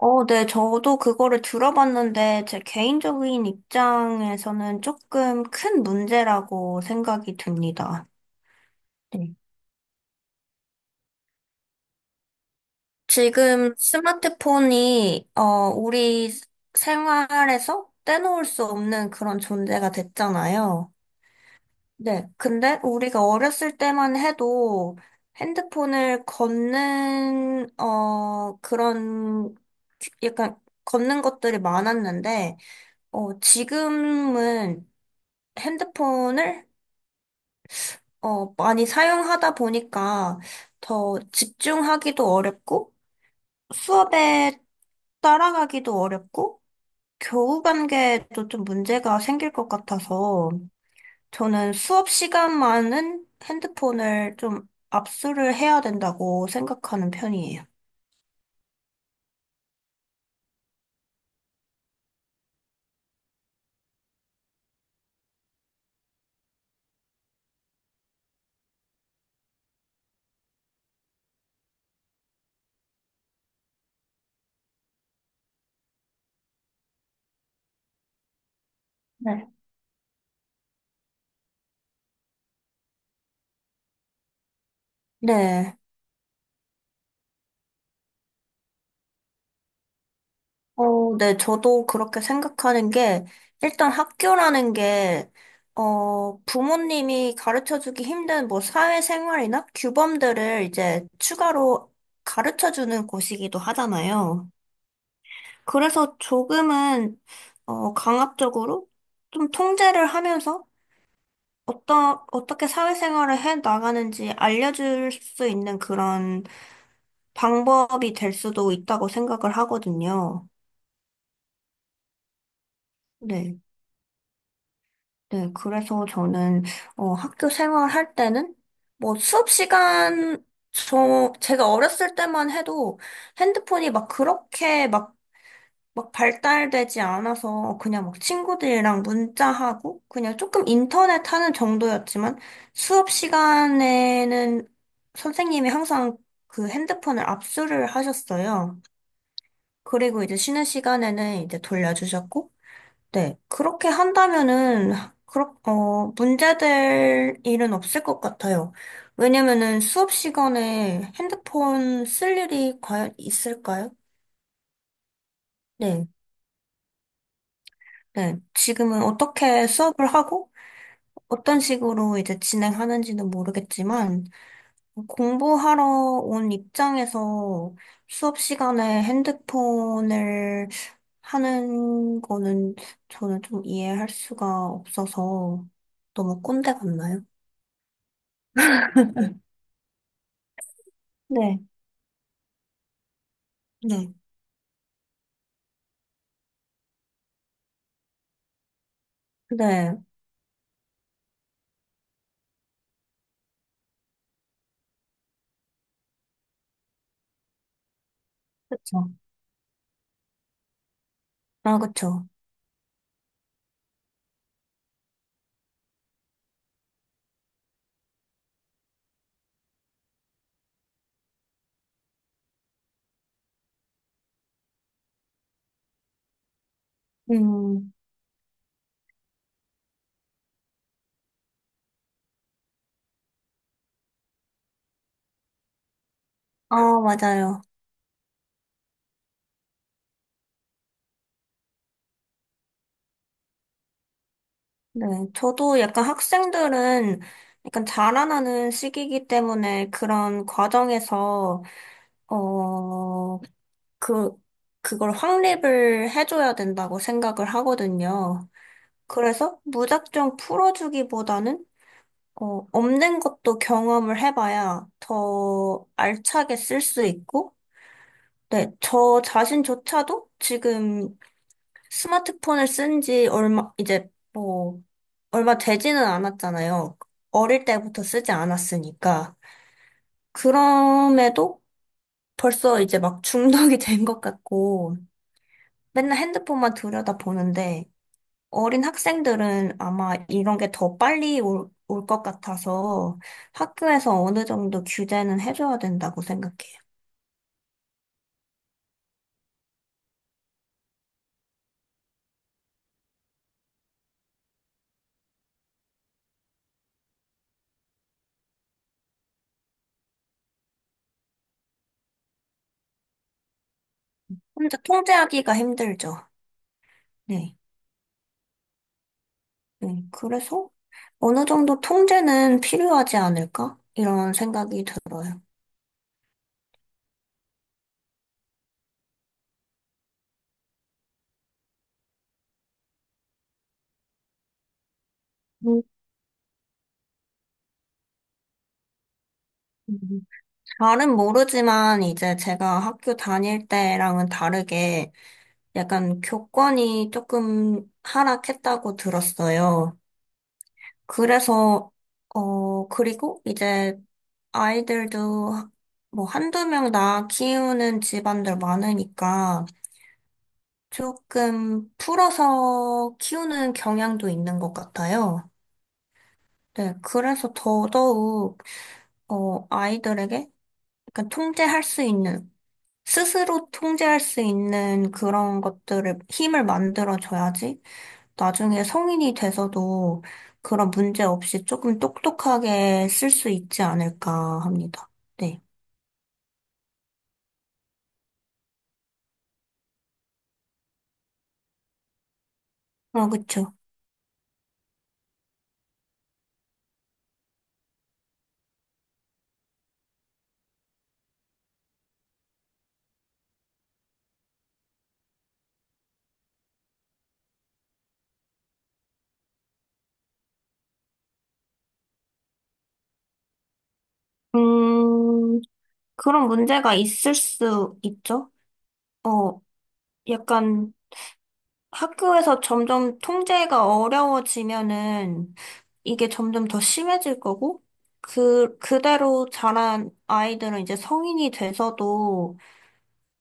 저도 그거를 들어봤는데, 제 개인적인 입장에서는 조금 큰 문제라고 생각이 듭니다. 네. 지금 스마트폰이, 우리 생활에서 떼놓을 수 없는 그런 존재가 됐잖아요. 네. 근데 우리가 어렸을 때만 해도 핸드폰을 걷는, 어, 그런, 약간 걷는 것들이 많았는데, 지금은 핸드폰을 많이 사용하다 보니까 더 집중하기도 어렵고 수업에 따라가기도 어렵고 교우 관계도 좀 문제가 생길 것 같아서 저는 수업 시간만은 핸드폰을 좀 압수를 해야 된다고 생각하는 편이에요. 네. 네. 저도 그렇게 생각하는 게, 일단 학교라는 게, 부모님이 가르쳐주기 힘든 뭐 사회생활이나 규범들을 이제 추가로 가르쳐주는 곳이기도 하잖아요. 그래서 조금은, 강압적으로 좀 통제를 하면서 어떻게 사회생활을 해 나가는지 알려줄 수 있는 그런 방법이 될 수도 있다고 생각을 하거든요. 네. 네, 그래서 저는 학교 생활할 때는 뭐 수업 시간 제가 어렸을 때만 해도 핸드폰이 막 그렇게 막 발달되지 않아서 그냥 막 친구들이랑 문자하고 그냥 조금 인터넷 하는 정도였지만 수업 시간에는 선생님이 항상 그 핸드폰을 압수를 하셨어요. 그리고 이제 쉬는 시간에는 이제 돌려주셨고 네. 그렇게 한다면은, 문제될 일은 없을 것 같아요. 왜냐면은 수업 시간에 핸드폰 쓸 일이 과연 있을까요? 네. 네. 지금은 어떻게 수업을 하고, 어떤 식으로 이제 진행하는지는 모르겠지만, 공부하러 온 입장에서 수업 시간에 핸드폰을 하는 거는 저는 좀 이해할 수가 없어서 너무 꼰대 같나요? 네, 네, 네, 그쵸. 아, 그쵸. 음, 아, 맞아요. 네, 저도 약간 학생들은 약간 자라나는 시기이기 때문에 그런 과정에서, 어, 그, 그걸 확립을 해줘야 된다고 생각을 하거든요. 그래서 무작정 풀어주기보다는, 없는 것도 경험을 해봐야 더 알차게 쓸 수 있고, 네, 저 자신조차도 지금 스마트폰을 쓴 지 얼마 되지는 않았잖아요. 어릴 때부터 쓰지 않았으니까. 그럼에도 벌써 이제 막 중독이 된 것 같고, 맨날 핸드폰만 들여다보는데, 어린 학생들은 아마 이런 게 더 빨리 올 것 같아서 학교에서 어느 정도 규제는 해줘야 된다고 생각해요. 혼자 통제하기가 힘들죠. 네. 네, 그래서 어느 정도 통제는 필요하지 않을까? 이런 생각이 들어요. 음, 음. 잘은 모르지만 이제 제가 학교 다닐 때랑은 다르게 약간 교권이 조금 하락했다고 들었어요. 그래서, 그리고 이제 아이들도 뭐 한두 명 낳아 키우는 집안들 많으니까 조금 풀어서 키우는 경향도 있는 것 같아요. 네, 그래서 더더욱, 아이들에게 약간 통제할 수 있는, 스스로 통제할 수 있는 그런 것들을, 힘을 만들어줘야지, 나중에 성인이 돼서도 그런 문제 없이 조금 똑똑하게 쓸 수 있지 않을까 합니다. 네. 아, 그쵸. 음, 그런 문제가 있을 수 있죠? 어, 약간, 학교에서 점점 통제가 어려워지면은 이게 점점 더 심해질 거고, 그대로 자란 아이들은 이제 성인이 돼서도,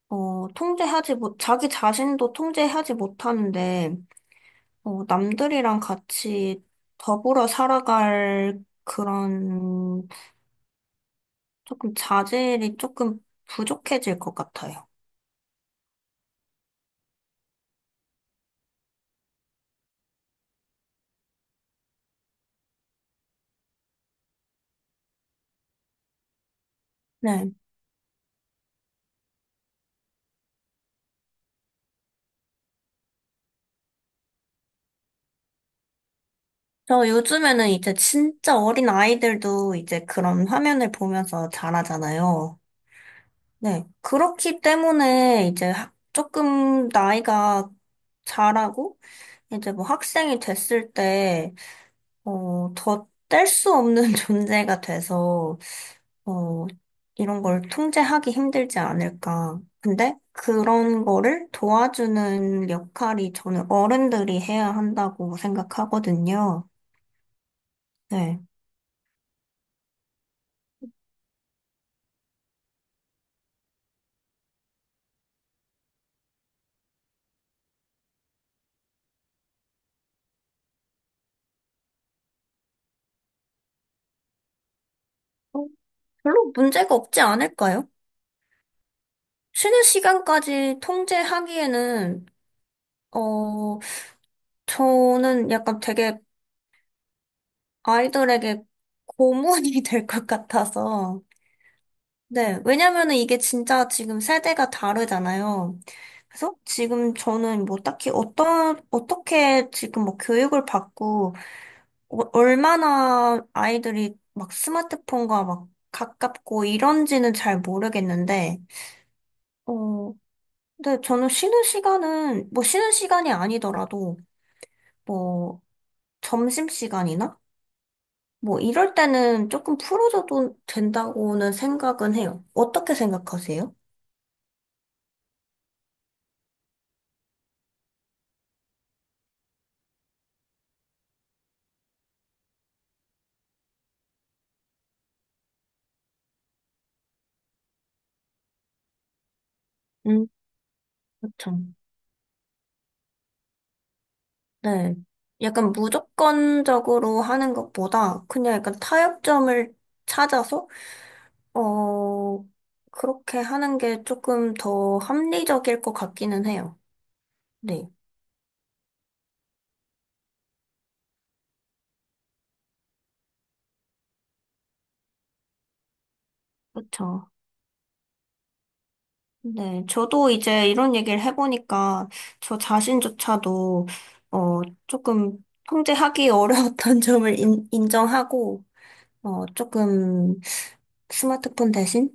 어, 통제하지 못, 자기 자신도 통제하지 못하는데, 남들이랑 같이 더불어 살아갈 그런 조금 자질이 조금 부족해질 것 같아요. 네. 저 요즘에는 이제 진짜 어린 아이들도 이제 그런 화면을 보면서 자라잖아요. 네. 그렇기 때문에 이제 조금 나이가 자라고 이제 뭐 학생이 됐을 때, 더 뗄 수 없는 존재가 돼서, 어, 이런 걸 통제하기 힘들지 않을까. 근데 그런 거를 도와주는 역할이 저는 어른들이 해야 한다고 생각하거든요. 네. 어, 별로 문제가 없지 않을까요? 쉬는 시간까지 통제하기에는, 어, 저는 약간 되게 아이들에게 고문이 될 것 같아서. 네, 왜냐면은 이게 진짜 지금 세대가 다르잖아요. 그래서 지금 저는 뭐 딱히 어떻게 지금 뭐 교육을 받고, 얼마나 아이들이 막 스마트폰과 막 가깝고 이런지는 잘 모르겠는데, 어, 근데 저는 쉬는 시간은, 뭐 쉬는 시간이 아니더라도, 뭐, 점심시간이나? 뭐 이럴 때는 조금 풀어줘도 된다고는 생각은 해요. 어떻게 생각하세요? 음, 그렇죠. 네. 약간 무조건적으로 하는 것보다 그냥 약간 타협점을 찾아서, 어, 그렇게 하는 게 조금 더 합리적일 것 같기는 해요. 네. 그렇죠. 네, 저도 이제 이런 얘기를 해보니까 저 자신조차도 어 조금 통제하기 어려웠던 점을 인정하고 조금 스마트폰 대신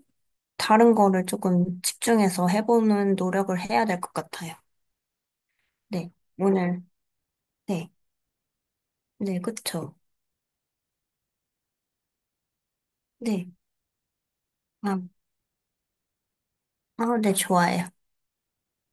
다른 거를 조금 집중해서 해보는 노력을 해야 될 것 같아요. 네, 오늘 네, 네, 그쵸. 네, 아, 아, 네, 좋아요.